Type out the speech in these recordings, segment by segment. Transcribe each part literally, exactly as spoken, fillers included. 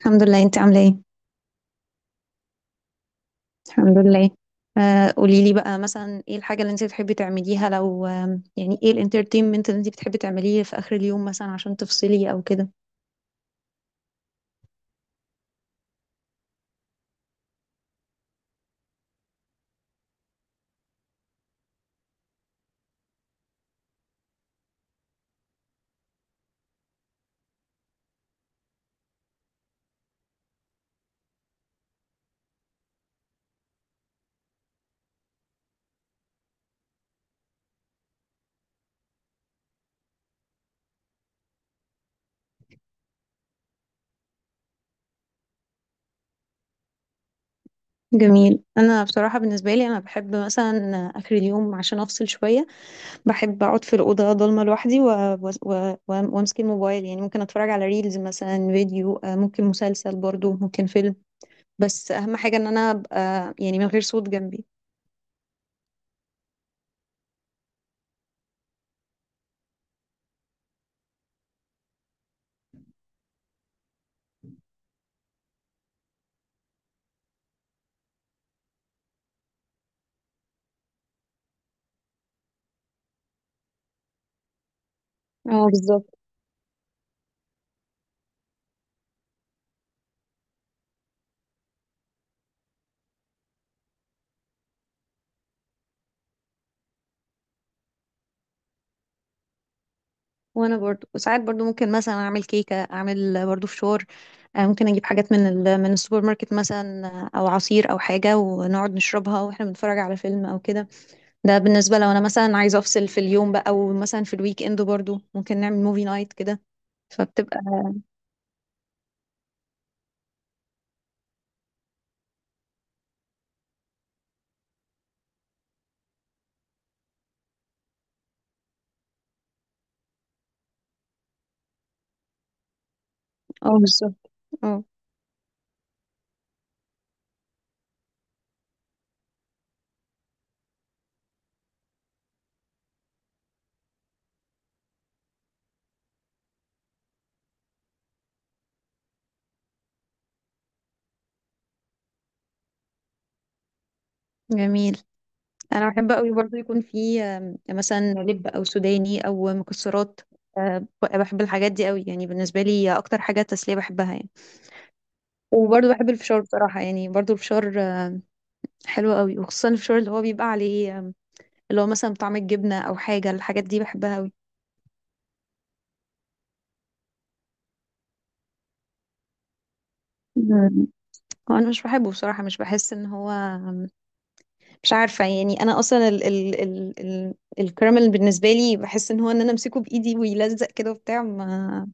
الحمد لله، انت عامله ايه؟ الحمد لله. آه، قولي لي بقى مثلا ايه الحاجه اللي انت بتحبي تعمليها لو آم، يعني ايه الانترتينمنت اللي انت بتحبي تعمليه في اخر اليوم مثلا عشان تفصلي او كده؟ جميل. انا بصراحه بالنسبه لي انا بحب مثلا اخر اليوم عشان افصل شويه. بحب اقعد في الاوضه ضلمه لوحدي و... و... و... وامسك الموبايل. يعني ممكن اتفرج على ريلز مثلا، فيديو، آه، ممكن مسلسل، برضو ممكن فيلم. بس اهم حاجه ان انا ابقى يعني من غير صوت جنبي. اه، بالظبط. وانا برضو ساعات برضو ممكن مثلا اعمل كيكه، اعمل برضو فشار. آه، ممكن اجيب حاجات من ال... من السوبر ماركت مثلا، آه، او عصير او حاجه، ونقعد نشربها واحنا بنتفرج على فيلم او كده. ده بالنسبه لو انا مثلا عايزه افصل في اليوم بقى، او مثلا في الويك اند برضو ممكن نعمل موفي نايت كده. فبتبقى. اه، بالظبط. اه. جميل. انا بحب قوي برضو يكون في آم، مثلا لب او سوداني او مكسرات. آه، بحب الحاجات دي قوي. يعني بالنسبه لي اكتر حاجه تسليه بحبها يعني. وبرضه بحب الفشار بصراحة. يعني برضه الفشار حلو قوي، وخصوصا الفشار اللي هو بيبقى عليه، اللي هو مثلا طعم الجبنة أو حاجة. الحاجات دي بحبها قوي. مم. انا مش بحبه بصراحة. مش بحس ان هو، مش عارفة، يعني انا اصلا ال ال ال ال الكراميل بالنسبة لي، بحس ان هو ان انا امسكه بايدي ويلزق كده وبتاع ما.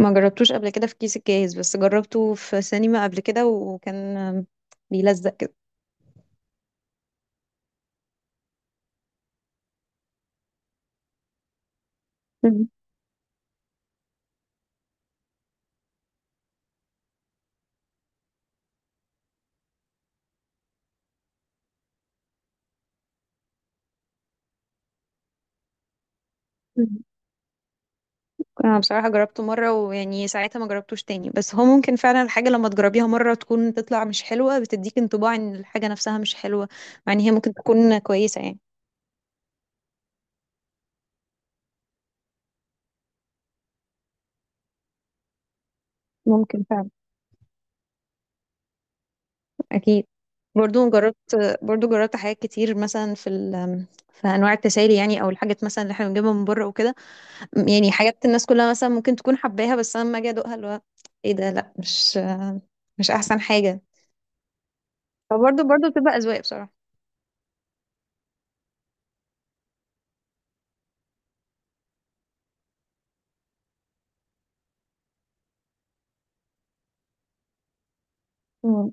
ما جربتوش قبل كده في كيس الجاهز، بس جربته في سينما قبل كده وكان بيلزق كده. مم. انا بصراحة جربته مرة، ويعني ساعتها ما جربتوش تاني، بس هو ممكن فعلا الحاجة لما تجربيها مرة تكون تطلع مش حلوة، بتديك انطباع ان الحاجة نفسها مش حلوة، مع ان هي ممكن تكون كويسة يعني. ممكن فعلا. اكيد. برضو جربت برضو جربت حاجات كتير مثلا في ال في انواع التسالي، يعني او الحاجات مثلا اللي احنا بنجيبها من بره وكده. يعني حاجات الناس كلها مثلا ممكن تكون حباها، بس انا لما اجي ادوقها، اللي هو ايه ده؟ لا، مش مش احسن حاجة. فبرضو برضو بتبقى اذواق بصراحة. مم.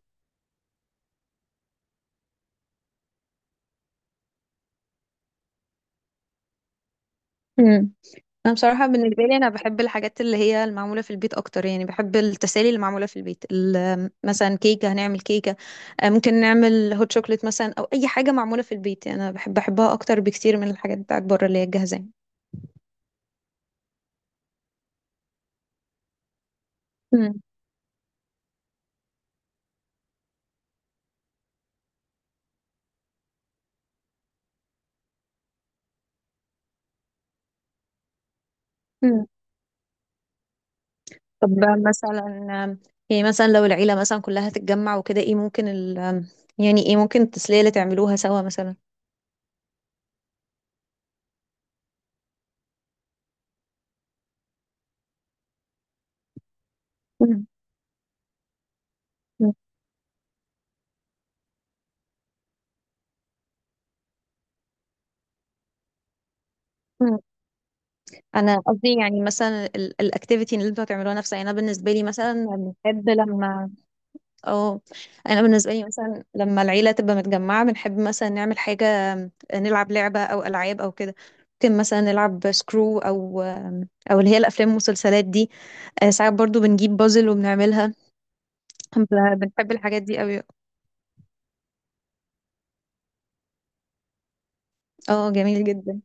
مم. انا بصراحه بالنسبه لي انا بحب الحاجات اللي هي المعموله في البيت اكتر. يعني بحب التسالي اللي معموله في البيت، ال- مثلا كيكه، هنعمل كيكه. آه، ممكن نعمل هوت شوكليت مثلا، او اي حاجه معموله في البيت. يعني انا بحب احبها اكتر بكتير من الحاجات بتاعت بره اللي هي الجاهزه يعني. مم. مم. طب، مثلا، آم، يعني مثلا لو العيله مثلا كلها تتجمع وكده، ايه ممكن ال آم، يعني ايه ممكن التسليه اللي تعملوها سوا مثلا؟ مم. مم. مم. انا قصدي يعني مثلا الاكتيفيتي اللي انتوا هتعملوها نفسها. يعني انا بالنسبه لي مثلا بنحب لما اه انا بالنسبه لي مثلا لما العيله تبقى متجمعه، بنحب مثلا نعمل حاجه، نلعب لعبه او العاب او كده. ممكن مثلا نلعب سكرو، او او اللي هي الافلام والمسلسلات دي. آه، ساعات برضو بنجيب بازل وبنعملها. ب- بنحب الحاجات دي قوي. اه، جميل جدا.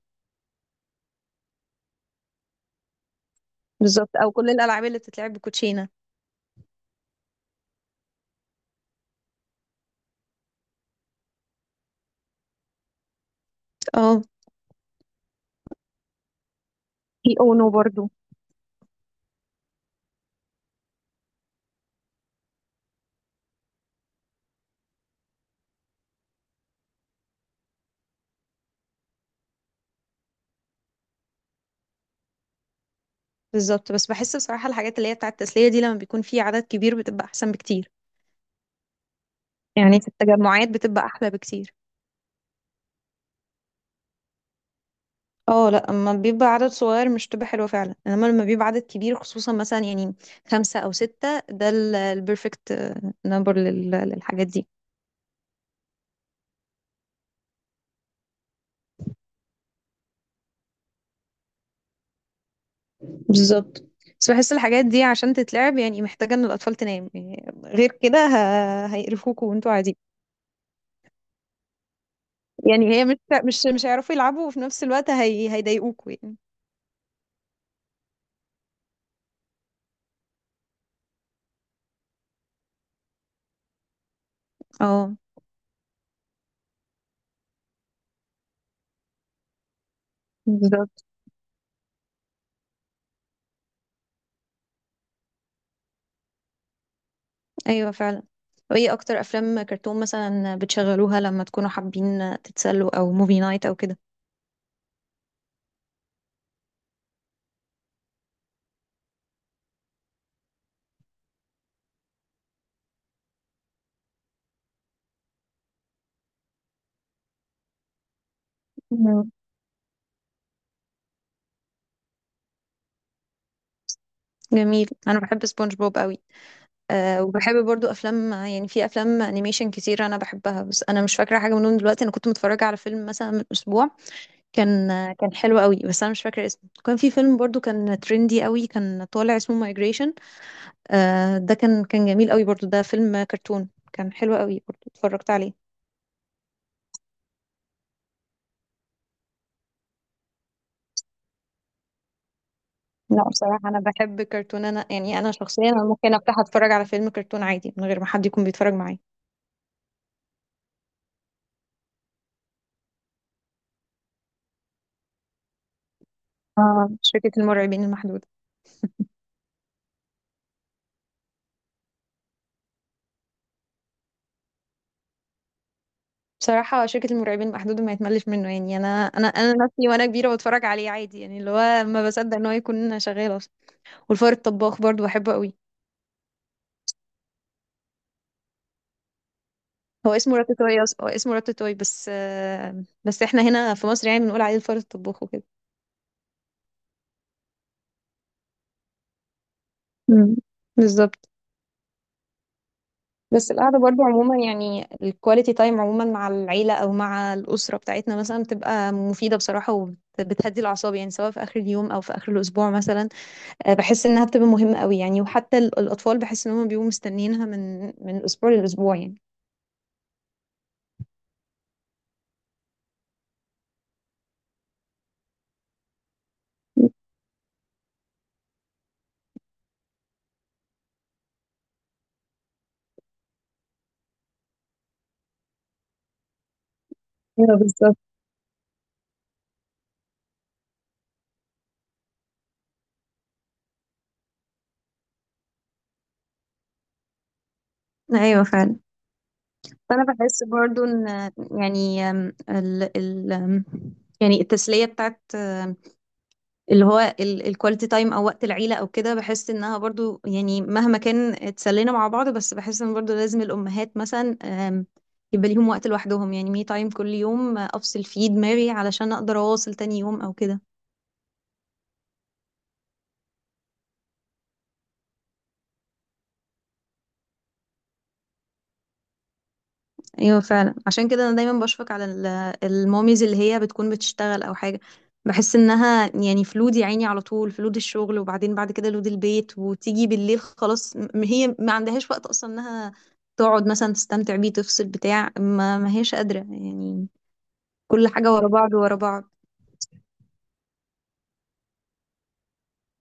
بالظبط. او كل الالعاب اللي بتتلعب بكوتشينه. اه، في اونو برضو. بالظبط. بس بحس بصراحه الحاجات اللي هي بتاعه التسليه دي لما بيكون في عدد كبير بتبقى احسن بكتير. يعني في التجمعات بتبقى احلى بكتير. اه، لا، اما بيبقى عدد صغير مش بتبقى حلوه فعلا، انما لما بيبقى عدد كبير، خصوصا مثلا، يعني خمسه او سته، ده البرفكت نمبر للحاجات دي. بالظبط. بس بحس الحاجات دي عشان تتلعب يعني محتاجه ان الاطفال تنام، يعني غير كده ه... هيقرفوكوا وانتوا قاعدين. يعني هي مش مش مش هيعرفوا يلعبوا، وفي نفس الوقت هي... هيضايقوكوا يعني. اه، بالظبط. ايوه، فعلا. وايه اكتر افلام كرتون مثلا بتشغلوها لما تكونوا حابين تتسلوا، او موفي نايت، او كده؟ جميل. انا بحب سبونج بوب قوي. أه، وبحب برضو افلام. يعني في افلام انيميشن كتير انا بحبها، بس انا مش فاكره حاجه منهم دلوقتي. انا كنت متفرجه على فيلم مثلا من اسبوع، كان آه، كان حلو قوي، بس انا مش فاكره اسمه. كان في فيلم برضو كان ترندي قوي كان طالع، اسمه مايجريشن. أه، ده كان كان جميل قوي برضو. ده فيلم كرتون، كان حلو قوي، برضو اتفرجت عليه. لا، بصراحه انا بحب كرتون. انا يعني انا شخصيا، انا ممكن افتح اتفرج على فيلم كرتون عادي من غير ما حد يكون بيتفرج معايا. آه شركه المرعبين المحدوده. بصراحة شركة المرعبين محدود ما يتملش منه. يعني أنا أنا أنا نفسي وأنا كبيرة بتفرج عليه عادي، يعني اللي هو ما بصدق إن هو يكون شغال أصلا. والفار الطباخ برضو بحبه قوي. هو اسمه راتاتوي أصلا هو اسمه راتاتوي، بس آه، بس إحنا هنا في مصر يعني بنقول عليه الفار الطباخ وكده. مم. بالظبط. بس القعدة برضو عموما، يعني الكواليتي تايم عموما مع العيلة أو مع الأسرة بتاعتنا مثلا، بتبقى مفيدة بصراحة، وبتهدي الأعصاب، يعني سواء في آخر اليوم أو في آخر الأسبوع مثلا. آه، بحس انها بتبقى مهمة قوي. يعني وحتى ال- الاطفال بحس ان هم بيبقوا مستنيينها من من اسبوع لاسبوع يعني. ايوه، بالظبط. ايوه، فعلا. فانا بحس برضو ان، يعني أم، ال ال أم، يعني التسليه بتاعت أم، اللي هو الكواليتي تايم او وقت العيله او كده، بحس انها برضو يعني مهما كان اتسلينا مع بعض، بس بحس ان برضو لازم الامهات مثلا أم، يبقى ليهم وقت لوحدهم، يعني مي تايم كل يوم. آه، افصل فيه دماغي علشان اقدر اواصل تاني يوم او كده. ايوه، فعلا. عشان كده انا دايما بشفق على ال- الماميز اللي هي بتكون بتشتغل او حاجه. بحس انها يعني في لود، يا عيني، على طول في لود الشغل، وبعدين بعد كده لود البيت، وتيجي بالليل خلاص م- هي ما عندهاش وقت اصلا انها تقعد مثلا تستمتع بيه، تفصل بتاع، ما, ما هيش قادره يعني. كل حاجه ورا بعض ورا بعض.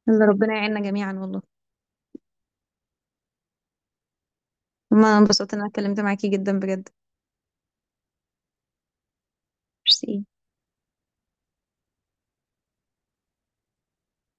يلا، ربنا يعيننا جميعا والله. ما انبسطت ان انا اتكلمت معاكي جدا بجد. ميرسي.